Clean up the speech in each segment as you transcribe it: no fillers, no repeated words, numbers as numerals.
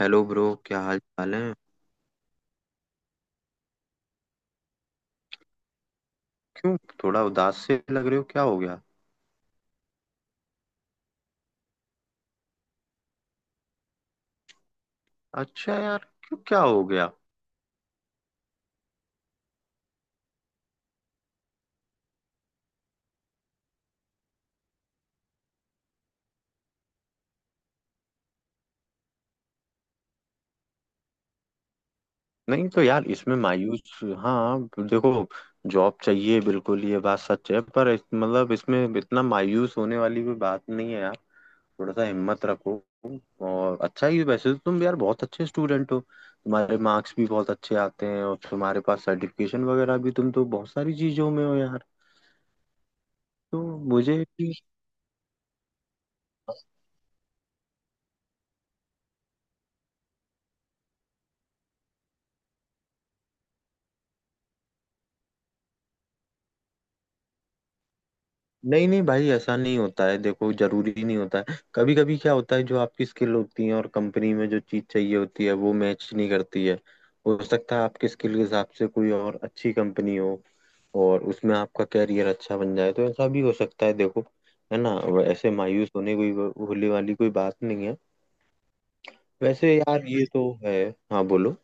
Hello bro, क्या हाल चाल है। क्यों, थोड़ा उदास से लग रहे हो, क्या हो गया। अच्छा यार, क्यों, क्या हो गया। नहीं तो यार, इसमें मायूस, हाँ, देखो, जॉब चाहिए बिल्कुल, ये बात सच है, पर मतलब इसमें इतना मायूस होने वाली भी बात नहीं है यार। थोड़ा सा हिम्मत रखो, और अच्छा ही वैसे तो तुम यार बहुत अच्छे स्टूडेंट हो, तुम्हारे मार्क्स भी बहुत अच्छे आते हैं, और तुम्हारे पास सर्टिफिकेशन वगैरह भी, तुम तो बहुत सारी चीजों में हो यार। तो मुझे भी नहीं, नहीं भाई, ऐसा नहीं होता है। देखो, जरूरी नहीं होता है, कभी कभी क्या होता है, जो आपकी स्किल होती है और कंपनी में जो चीज चाहिए होती है, वो मैच नहीं करती है। हो सकता है आपके स्किल के हिसाब से कोई और अच्छी कंपनी हो, और उसमें आपका कैरियर अच्छा बन जाए, तो ऐसा भी हो सकता है। देखो, है ना, वो ऐसे मायूस होने, कोई होने वाली कोई बात नहीं है। वैसे यार ये तो है। हाँ, बोलो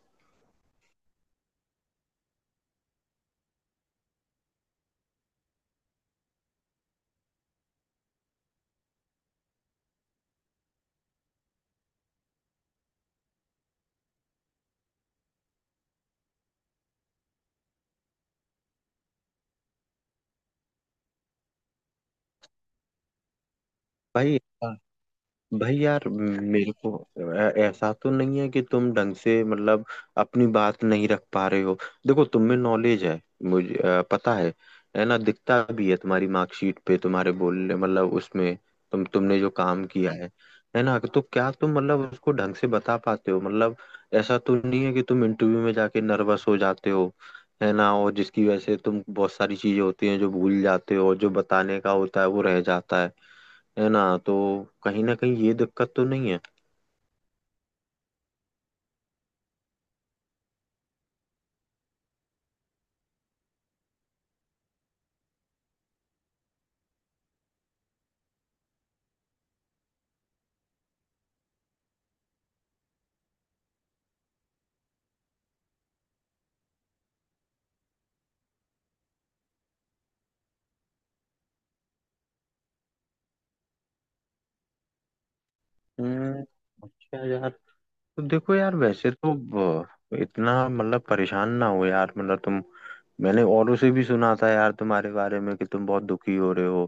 भाई। भाई यार मेरे को, ऐसा तो नहीं है कि तुम ढंग से, मतलब, अपनी बात नहीं रख पा रहे हो। देखो, तुम में नॉलेज है, मुझे पता है। है ना, दिखता भी है तुम्हारी मार्कशीट पे, तुम्हारे बोलने, मतलब उसमें तुमने जो काम किया है। है ना, तो क्या तुम, मतलब उसको ढंग से बता पाते हो, मतलब ऐसा तो नहीं है कि तुम इंटरव्यू में जाके नर्वस हो जाते हो। है ना, और जिसकी वजह से तुम बहुत सारी चीजें होती हैं जो भूल जाते हो और जो बताने का होता है वो रह जाता है। है ना, तो कहीं ना कहीं ये दिक्कत तो नहीं है। हम्म अच्छा यार। तो देखो यार, इतना मतलब परेशान ना हो यार, मतलब तुम, मैंने औरों से भी सुना था यार तुम्हारे बारे में कि तुम बहुत दुखी हो रहे हो।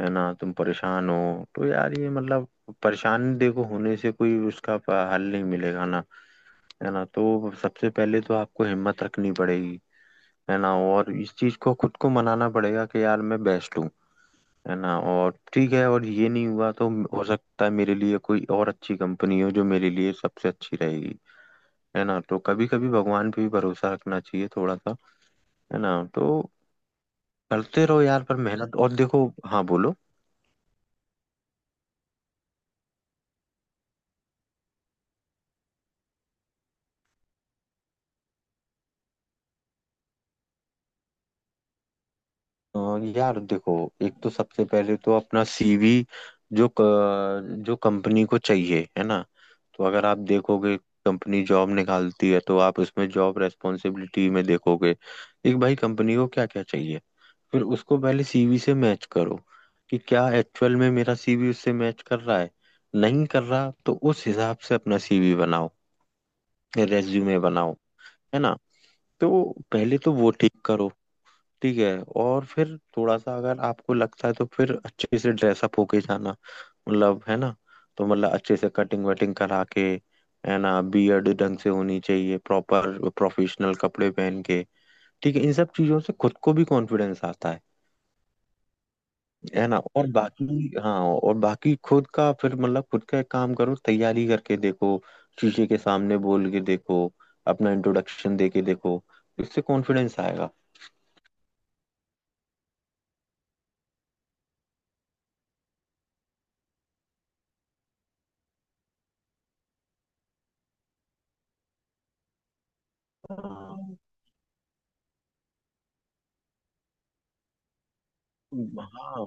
है ना, तुम परेशान हो। तो यार ये मतलब, परेशानी देखो होने से कोई उसका हल नहीं मिलेगा ना। है ना, तो सबसे पहले तो आपको हिम्मत रखनी पड़ेगी। है ना, और इस चीज को खुद को मनाना पड़ेगा कि यार मैं बेस्ट हूँ। है ना, और ठीक है, और ये नहीं हुआ तो हो सकता है मेरे लिए कोई और अच्छी कंपनी हो जो मेरे लिए सबसे अच्छी रहेगी। है ना, तो कभी कभी भगवान पे भी भरोसा रखना चाहिए थोड़ा सा। है ना, तो करते रहो यार पर मेहनत, और देखो। हाँ, बोलो। अ, यार देखो, एक तो सबसे पहले तो अपना सीवी, जो कंपनी को चाहिए। है ना, तो अगर आप देखोगे कंपनी जॉब निकालती है, तो आप उसमें जॉब रेस्पॉन्सिबिलिटी में देखोगे एक, भाई कंपनी को क्या क्या चाहिए। फिर उसको पहले सीवी से मैच करो कि क्या एक्चुअल में मेरा सीवी उससे मैच कर रहा है। नहीं कर रहा तो उस हिसाब से अपना सीवी बनाओ, रेज्यूमे बनाओ। है ना, तो पहले तो वो ठीक करो। ठीक है, और फिर थोड़ा सा अगर आपको लगता है तो फिर अच्छे से ड्रेसअप होके जाना मतलब, है ना, तो मतलब अच्छे से कटिंग वटिंग करा के, है ना, बियर्ड ढंग से होनी चाहिए, प्रॉपर प्रोफेशनल कपड़े पहन के। ठीक है, इन सब चीजों से खुद को भी कॉन्फिडेंस आता है। है ना, और बाकी, हाँ, और बाकी खुद का फिर, मतलब खुद का एक काम करो, तैयारी करके देखो, शीशे के सामने बोल के देखो, अपना इंट्रोडक्शन दे के देखो, इससे कॉन्फिडेंस आएगा। हाँ हाँ,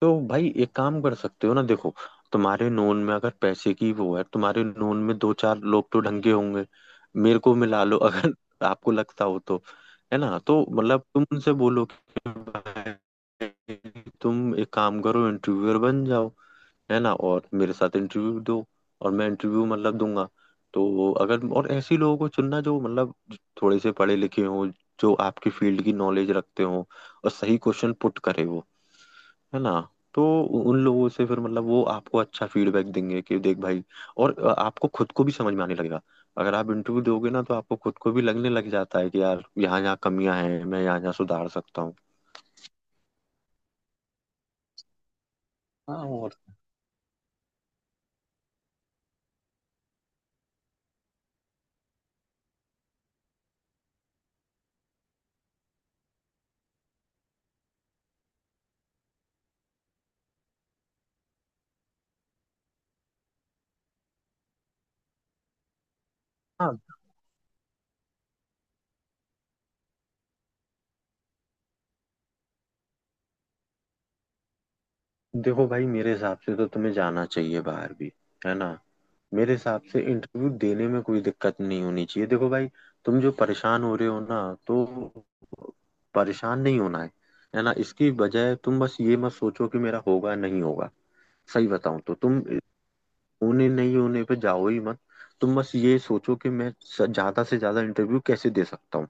तो भाई एक काम कर सकते हो ना। देखो, तुम्हारे नोन में अगर पैसे की वो है, तुम्हारे नोन में दो चार लोग तो ढंग के होंगे। मेरे को मिला लो अगर आपको लगता हो तो। है ना, तो मतलब तुम उनसे बोलो कि भाई, तुम एक काम करो इंटरव्यूअर बन जाओ। है ना, और मेरे साथ इंटरव्यू दो, और मैं इंटरव्यू मतलब दूंगा। तो अगर और ऐसे लोगों को चुनना जो मतलब थोड़े से पढ़े लिखे हों, जो आपकी फील्ड की नॉलेज रखते हों, और सही क्वेश्चन पुट करे वो। है ना, तो उन लोगों से फिर मतलब वो आपको अच्छा फीडबैक देंगे कि देख भाई, और आपको खुद को भी समझ में आने लगेगा। अगर आप इंटरव्यू दोगे ना, तो आपको खुद को भी लगने लग जाता है कि यार यहाँ यहाँ कमियां हैं, मैं यहाँ यहाँ सुधार सकता हूँ। हाँ, और हाँ, देखो भाई मेरे हिसाब से तो तुम्हें जाना चाहिए बाहर भी। है ना, मेरे हिसाब से इंटरव्यू देने में कोई दिक्कत नहीं होनी चाहिए। देखो भाई, तुम जो परेशान हो रहे हो ना, तो परेशान नहीं होना है। है ना, इसकी बजाय तुम बस ये मत सोचो कि मेरा होगा नहीं होगा। सही बताऊं तो तुम होने नहीं होने पे जाओ ही मत। तुम बस ये सोचो कि ज्यादा से ज्यादा इंटरव्यू कैसे दे सकता हूँ।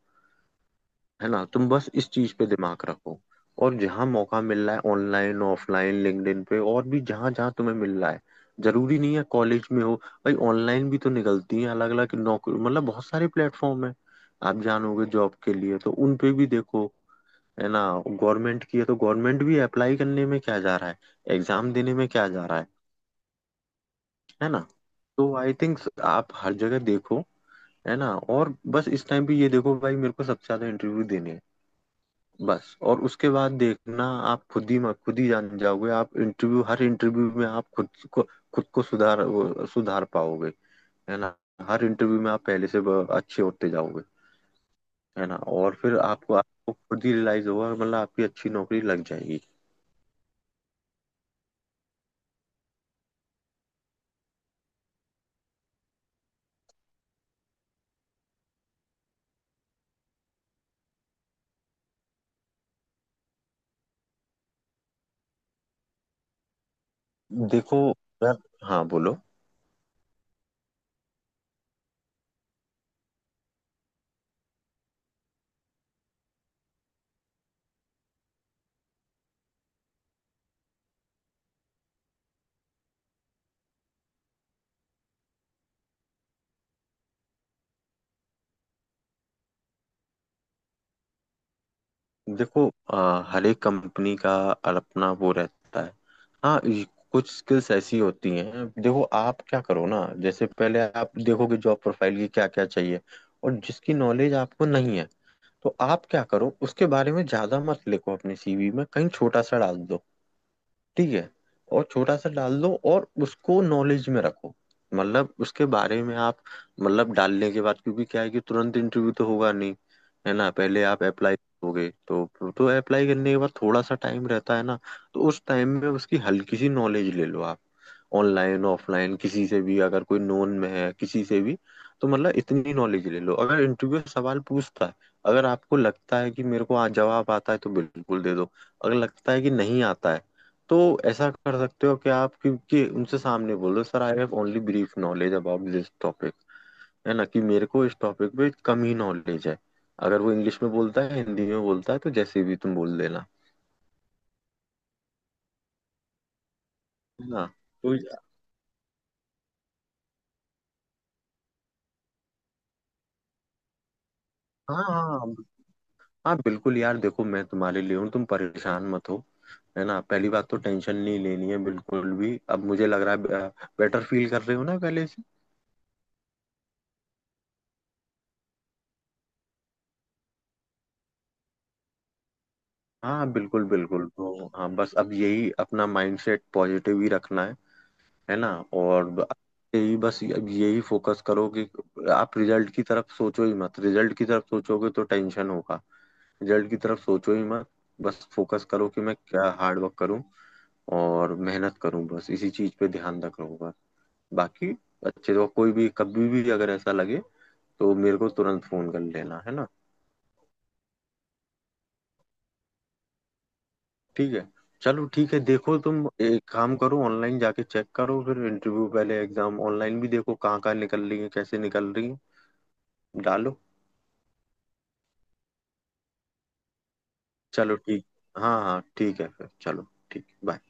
है ना, तुम बस इस चीज पे दिमाग रखो, और जहां मौका मिल रहा है ऑनलाइन ऑफलाइन लिंक्डइन पे और भी जहां जहां तुम्हें मिल रहा है। जरूरी नहीं है कॉलेज में हो, भाई ऑनलाइन भी तो निकलती है अलग अलग नौकरी, मतलब बहुत सारे प्लेटफॉर्म है आप जानोगे जॉब के लिए, तो उन पे भी देखो। है ना, गवर्नमेंट की है तो गवर्नमेंट भी, अप्लाई करने में क्या जा रहा है, एग्जाम देने में क्या जा रहा है। है ना, तो आई थिंक आप हर जगह देखो। है ना, और बस इस टाइम पे ये देखो भाई, मेरे को सबसे ज्यादा इंटरव्यू देने हैं बस। और उसके बाद देखना, आप खुद ही जान जाओगे। आप इंटरव्यू, हर इंटरव्यू में आप खुद को सुधार पाओगे। है ना, हर इंटरव्यू में आप पहले से अच्छे होते जाओगे। है ना, और फिर आपको आपको खुद ही रियलाइज होगा, मतलब आपकी अच्छी नौकरी लग जाएगी। देखो यार, हाँ बोलो। देखो, हर एक कंपनी का अपना वो रहता है। हाँ, ये कुछ स्किल्स ऐसी होती हैं, देखो आप क्या करो ना, जैसे पहले आप देखो कि जॉब प्रोफाइल की क्या क्या चाहिए, और जिसकी नॉलेज आपको नहीं है, तो आप क्या करो, उसके बारे में ज्यादा मत लिखो अपने सीवी में, कहीं छोटा सा डाल दो। ठीक है, और छोटा सा डाल दो, और उसको नॉलेज में रखो। मतलब उसके बारे में आप, मतलब डालने के बाद, क्योंकि क्या है कि तुरंत इंटरव्यू तो होगा नहीं। है ना, पहले आप अप्लाई करोगे, तो अप्लाई करने के बाद थोड़ा सा टाइम रहता है ना, तो उस टाइम में उसकी हल्की सी नॉलेज ले लो आप, ऑनलाइन ऑफलाइन किसी से भी, अगर कोई नोन में है किसी से भी। तो मतलब इतनी नॉलेज ले लो, अगर इंटरव्यू सवाल पूछता है, अगर आपको लगता है कि मेरे को आज जवाब आता है तो बिल्कुल दे दो। अगर लगता है कि नहीं आता है, तो ऐसा कर सकते हो कि आप, क्योंकि उनसे सामने बोलो, sir I have only brief knowledge about this topic. है ना, कि मेरे को इस टॉपिक पे कम ही नॉलेज है। अगर वो इंग्लिश में बोलता है, हिंदी में बोलता है, तो जैसे भी तुम बोल देना। है ना, तो हाँ। हाँ बिल्कुल यार, देखो मैं तुम्हारे लिए हूँ, तुम परेशान मत हो। है ना, पहली बात तो टेंशन नहीं लेनी है बिल्कुल भी। अब मुझे लग रहा है बेटर फील कर रहे हो ना पहले से। हाँ, बिल्कुल बिल्कुल, तो हाँ बस अब यही अपना माइंडसेट पॉजिटिव ही रखना है। है ना, और यही बस, अब यही फोकस करो कि आप रिजल्ट की तरफ सोचो ही मत। रिजल्ट की तरफ सोचोगे तो टेंशन होगा, रिजल्ट की तरफ सोचो ही मत। बस फोकस करो कि मैं क्या हार्ड वर्क करूं और मेहनत करूं, बस इसी चीज पे ध्यान रखूंगा। बाकी अच्छे तो, कोई भी कभी भी अगर ऐसा लगे तो मेरे को तुरंत फोन कर लेना, है ना। ठीक है, चलो ठीक है। देखो तुम एक काम करो, ऑनलाइन जाके चेक करो, फिर इंटरव्यू पहले एग्जाम ऑनलाइन भी देखो, कहाँ कहाँ निकल रही है, कैसे निकल रही है, डालो। चलो ठीक। हाँ हाँ ठीक है, फिर चलो ठीक, बाय।